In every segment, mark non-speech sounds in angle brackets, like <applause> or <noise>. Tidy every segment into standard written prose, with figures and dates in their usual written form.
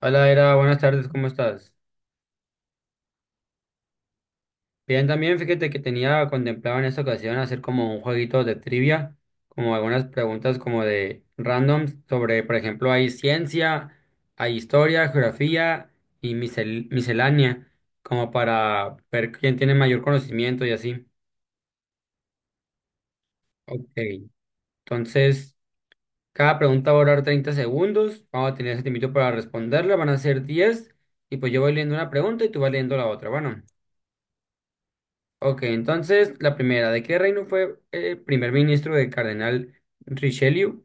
Hola, Era, buenas tardes, ¿cómo estás? Bien, también fíjate que tenía contemplado en esta ocasión hacer como un jueguito de trivia, como algunas preguntas como de random sobre, por ejemplo, hay ciencia, hay historia, geografía y miscelánea, como para ver quién tiene mayor conocimiento y así. Ok, entonces cada pregunta va a durar 30 segundos, vamos a tener ese tiempo para responderla, van a ser 10 y pues yo voy leyendo una pregunta y tú vas leyendo la otra, bueno. Ok, entonces la primera, ¿de qué reino fue el primer ministro del cardenal Richelieu?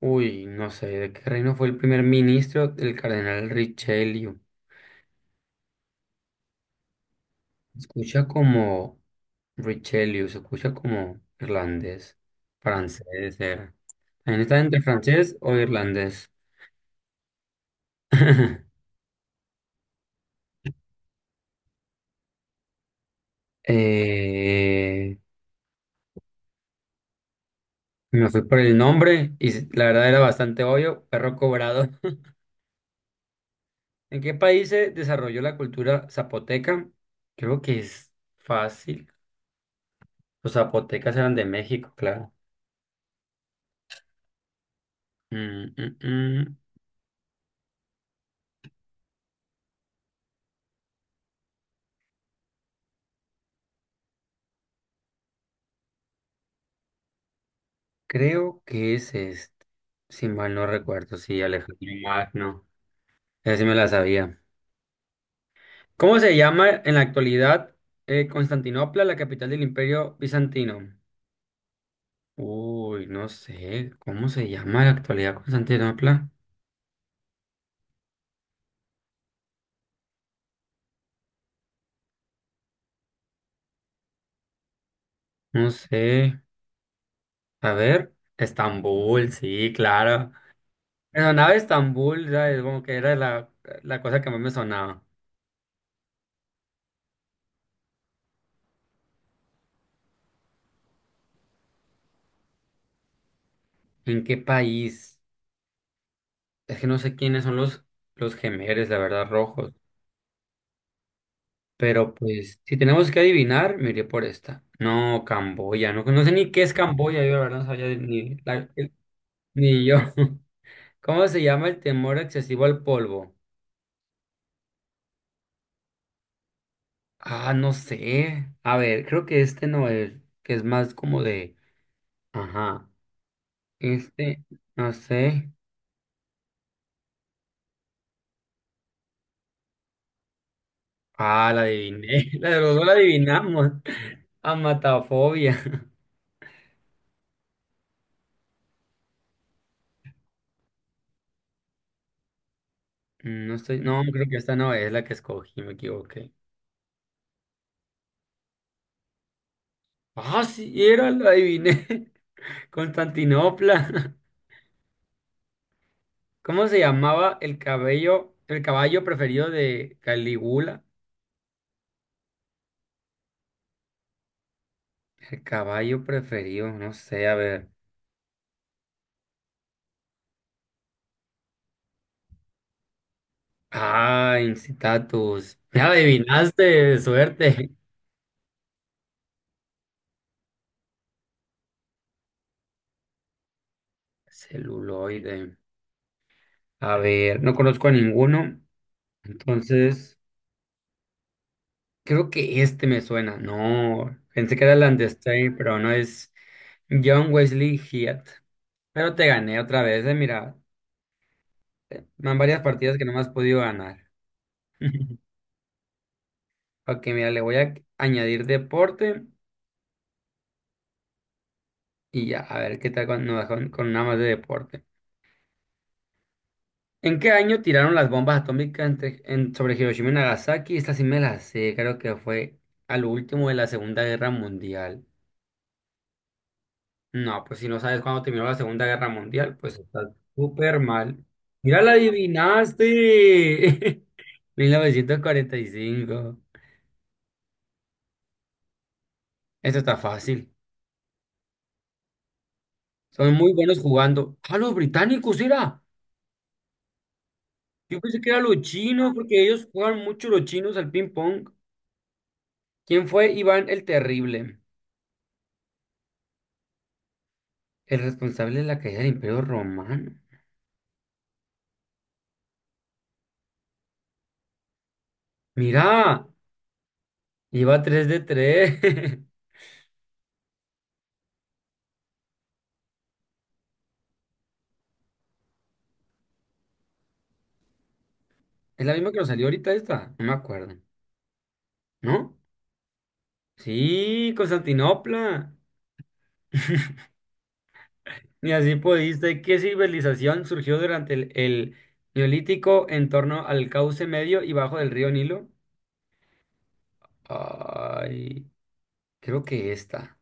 Uy, no sé, ¿de qué reino fue el primer ministro del cardenal Richelieu? Se escucha como Richelieu, se escucha como irlandés, francés era. También está entre francés o irlandés. <laughs> Eh, Me fui por el nombre y la verdad era bastante obvio, perro cobrado. ¿En qué país se desarrolló la cultura zapoteca? Creo que es fácil. Los zapotecas eran de México, claro. Mm, mm, mm. Creo que es este. Si mal no recuerdo, sí, Alejandro Magno. Esa sí me la sabía. ¿Cómo se llama en la actualidad Constantinopla, la capital del Imperio Bizantino? Uy, no sé. ¿Cómo se llama en la actualidad Constantinopla? No sé. A ver. Estambul, sí, claro. Me sonaba Estambul, ¿sabes? Como que era la cosa que más me sonaba. ¿En qué país? Es que no sé quiénes son los gemeres, la verdad, rojos. Pero pues, si tenemos que adivinar, me iré por esta. No, Camboya. No, no sé ni qué es Camboya, yo la verdad no sabía ni, ni yo. <laughs> ¿Cómo se llama el temor excesivo al polvo? Ah, no sé. A ver, creo que este no es, que es más como de... Ajá. Este, no sé. Ah, la adiviné. <laughs> La de los dos la adivinamos. Amatafobia. <laughs> Mm, no estoy, no, creo que esta no es la que escogí, me equivoqué. Ah, sí, era, la adiviné. <laughs> Constantinopla. <laughs> ¿Cómo se llamaba el caballo preferido de Calígula? El caballo preferido, no sé, a ver. Ah, Incitatus. Ya adivinaste, suerte. <laughs> Celuloide. A ver, no conozco a ninguno. Entonces, creo que este me suena. No, pensé que era el Landestay, pero no es. John Wesley Hyatt. Pero te gané otra vez, mira. Van varias partidas que no me has podido ganar. <laughs> Ok, mira, le voy a añadir deporte y ya, a ver qué tal con, nos va con una más de deporte. ¿En qué año tiraron las bombas atómicas sobre Hiroshima y Nagasaki? Esta sí me la sé, creo que fue al último de la Segunda Guerra Mundial. No, pues si no sabes cuándo terminó la Segunda Guerra Mundial, pues está súper mal. Mira, la adivinaste. <laughs> 1945. Esto está fácil. Son muy buenos jugando. Ah, los británicos, era. Yo pensé que eran los chinos, porque ellos juegan mucho los chinos al ping pong. ¿Quién fue Iván el Terrible? El responsable de la caída del Imperio Romano. Mira, iba tres de tres. <laughs> Es la misma que nos salió ahorita esta. No me acuerdo. ¿No? Sí, Constantinopla. <laughs> Y así pudiste. ¿Qué civilización surgió durante el Neolítico en torno al cauce medio y bajo del río Nilo? Ay. Creo que esta.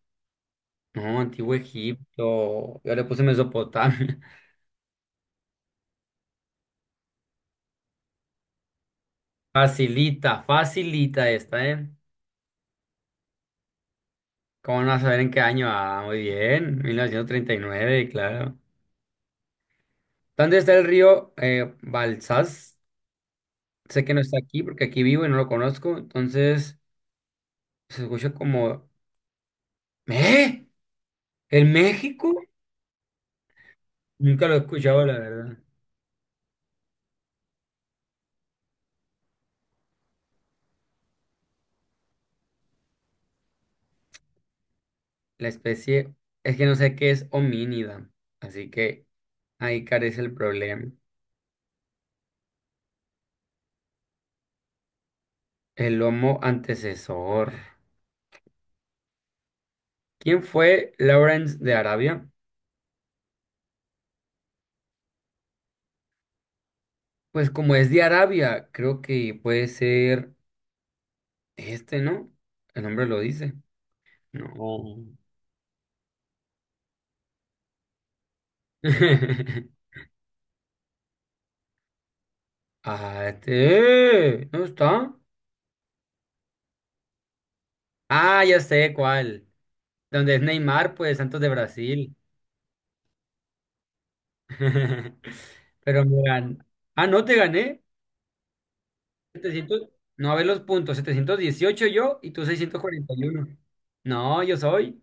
No, Antiguo Egipto. Yo le puse Mesopotamia. <laughs> Facilita, facilita esta, ¿eh? ¿Cómo no vas a saber en qué año? Ah, muy bien. 1939, claro. ¿Dónde está el río Balsas? Sé que no está aquí porque aquí vivo y no lo conozco. Entonces, se escucha como... ¿Eh? ¿El México? Nunca lo he escuchado, la verdad. La especie, es que no sé qué es homínida. Así que ahí carece el problema. El lomo antecesor. ¿Quién fue Lawrence de Arabia? Pues como es de Arabia, creo que puede ser este, ¿no? El nombre lo dice. No. <laughs> Oh. Ah, este. ¿No está? Ah, ya sé cuál. Donde es Neymar, pues Santos de Brasil. <laughs> Pero ah, no te gané. 700. No, a ver los puntos. 718 yo y tú 641. No, yo soy.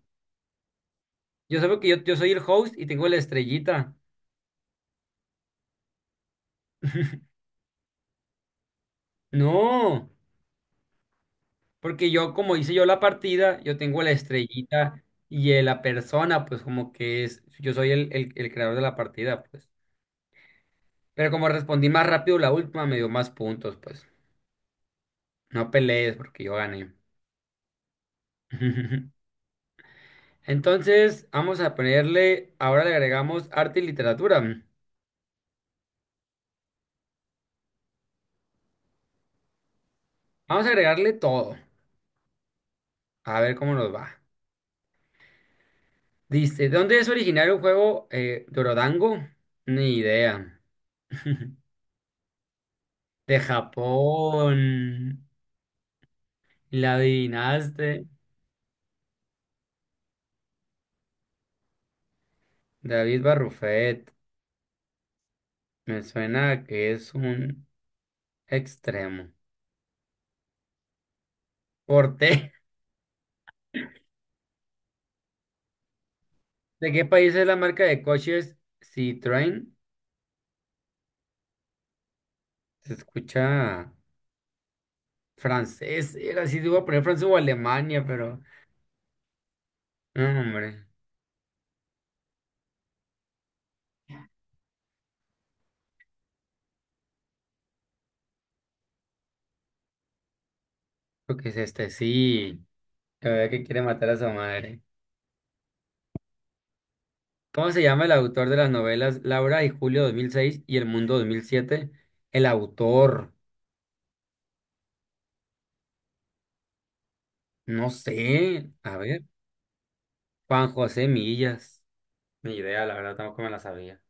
Yo solo que yo soy el host y tengo la estrellita. <laughs> No, porque yo, como hice yo la partida, yo tengo la estrellita y la persona, pues como que es, yo soy el creador de la partida, pues. Pero como respondí más rápido la última, me dio más puntos, pues. No pelees porque yo gané. <laughs> Entonces, vamos a ponerle, ahora le agregamos arte y literatura. Vamos a agregarle todo, a ver cómo nos va. Dice, ¿de dónde es originario el juego Dorodango? Ni idea. <laughs> De Japón. La adivinaste. David Barrufet. Me suena a que es un extremo. Porte. <laughs> ¿De qué país es la marca de coches Citroën? Se escucha francés. Era si iba a poner francés o Alemania, pero. No, hombre. Creo que es este. Sí. La verdad que quiere matar a su madre. ¿Cómo se llama el autor de las novelas Laura y Julio 2006 y El Mundo 2007? El autor. No sé. A ver. Juan José Millas. Ni idea, la verdad, tampoco me la sabía.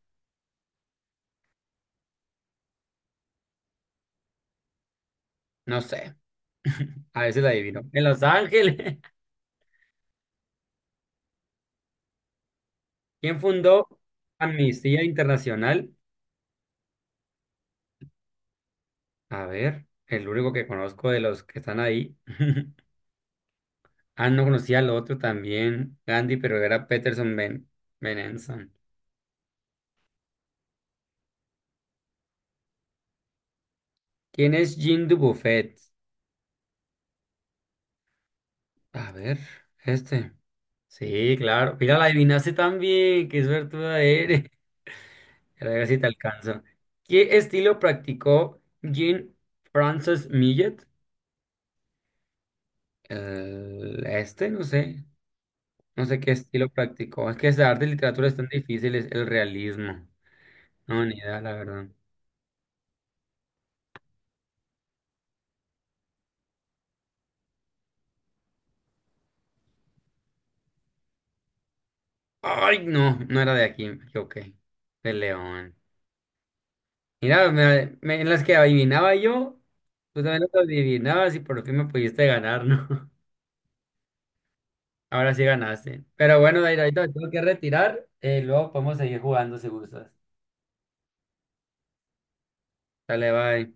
No sé. <laughs> A veces la adivino. En Los Ángeles. <laughs> ¿Quién fundó Amnistía Internacional? A ver. El único que conozco de los que están ahí. <laughs> Ah, no conocía al otro también. Gandhi, pero era Peterson Ben Benenson. ¿Quién es Jean Dubuffet? A ver. Este. Sí, claro. Mira, la adivinaste también. Qué suertuda eres. A ver si te alcanzo. ¿Qué estilo practicó Jean-Francis Millet? El este, no sé. No sé qué estilo practicó. Es que esa arte y literatura es tan difícil, es el realismo. No, ni idea, la verdad. Ay, no, no era de aquí, me equivoqué. De León. Mira, en las que adivinaba yo, tú también las adivinabas y por fin me pudiste ganar, ¿no? <laughs> Ahora sí ganaste. Pero bueno, Daira, ahorita me tengo que retirar. Luego podemos seguir jugando si gustas. Dale, bye.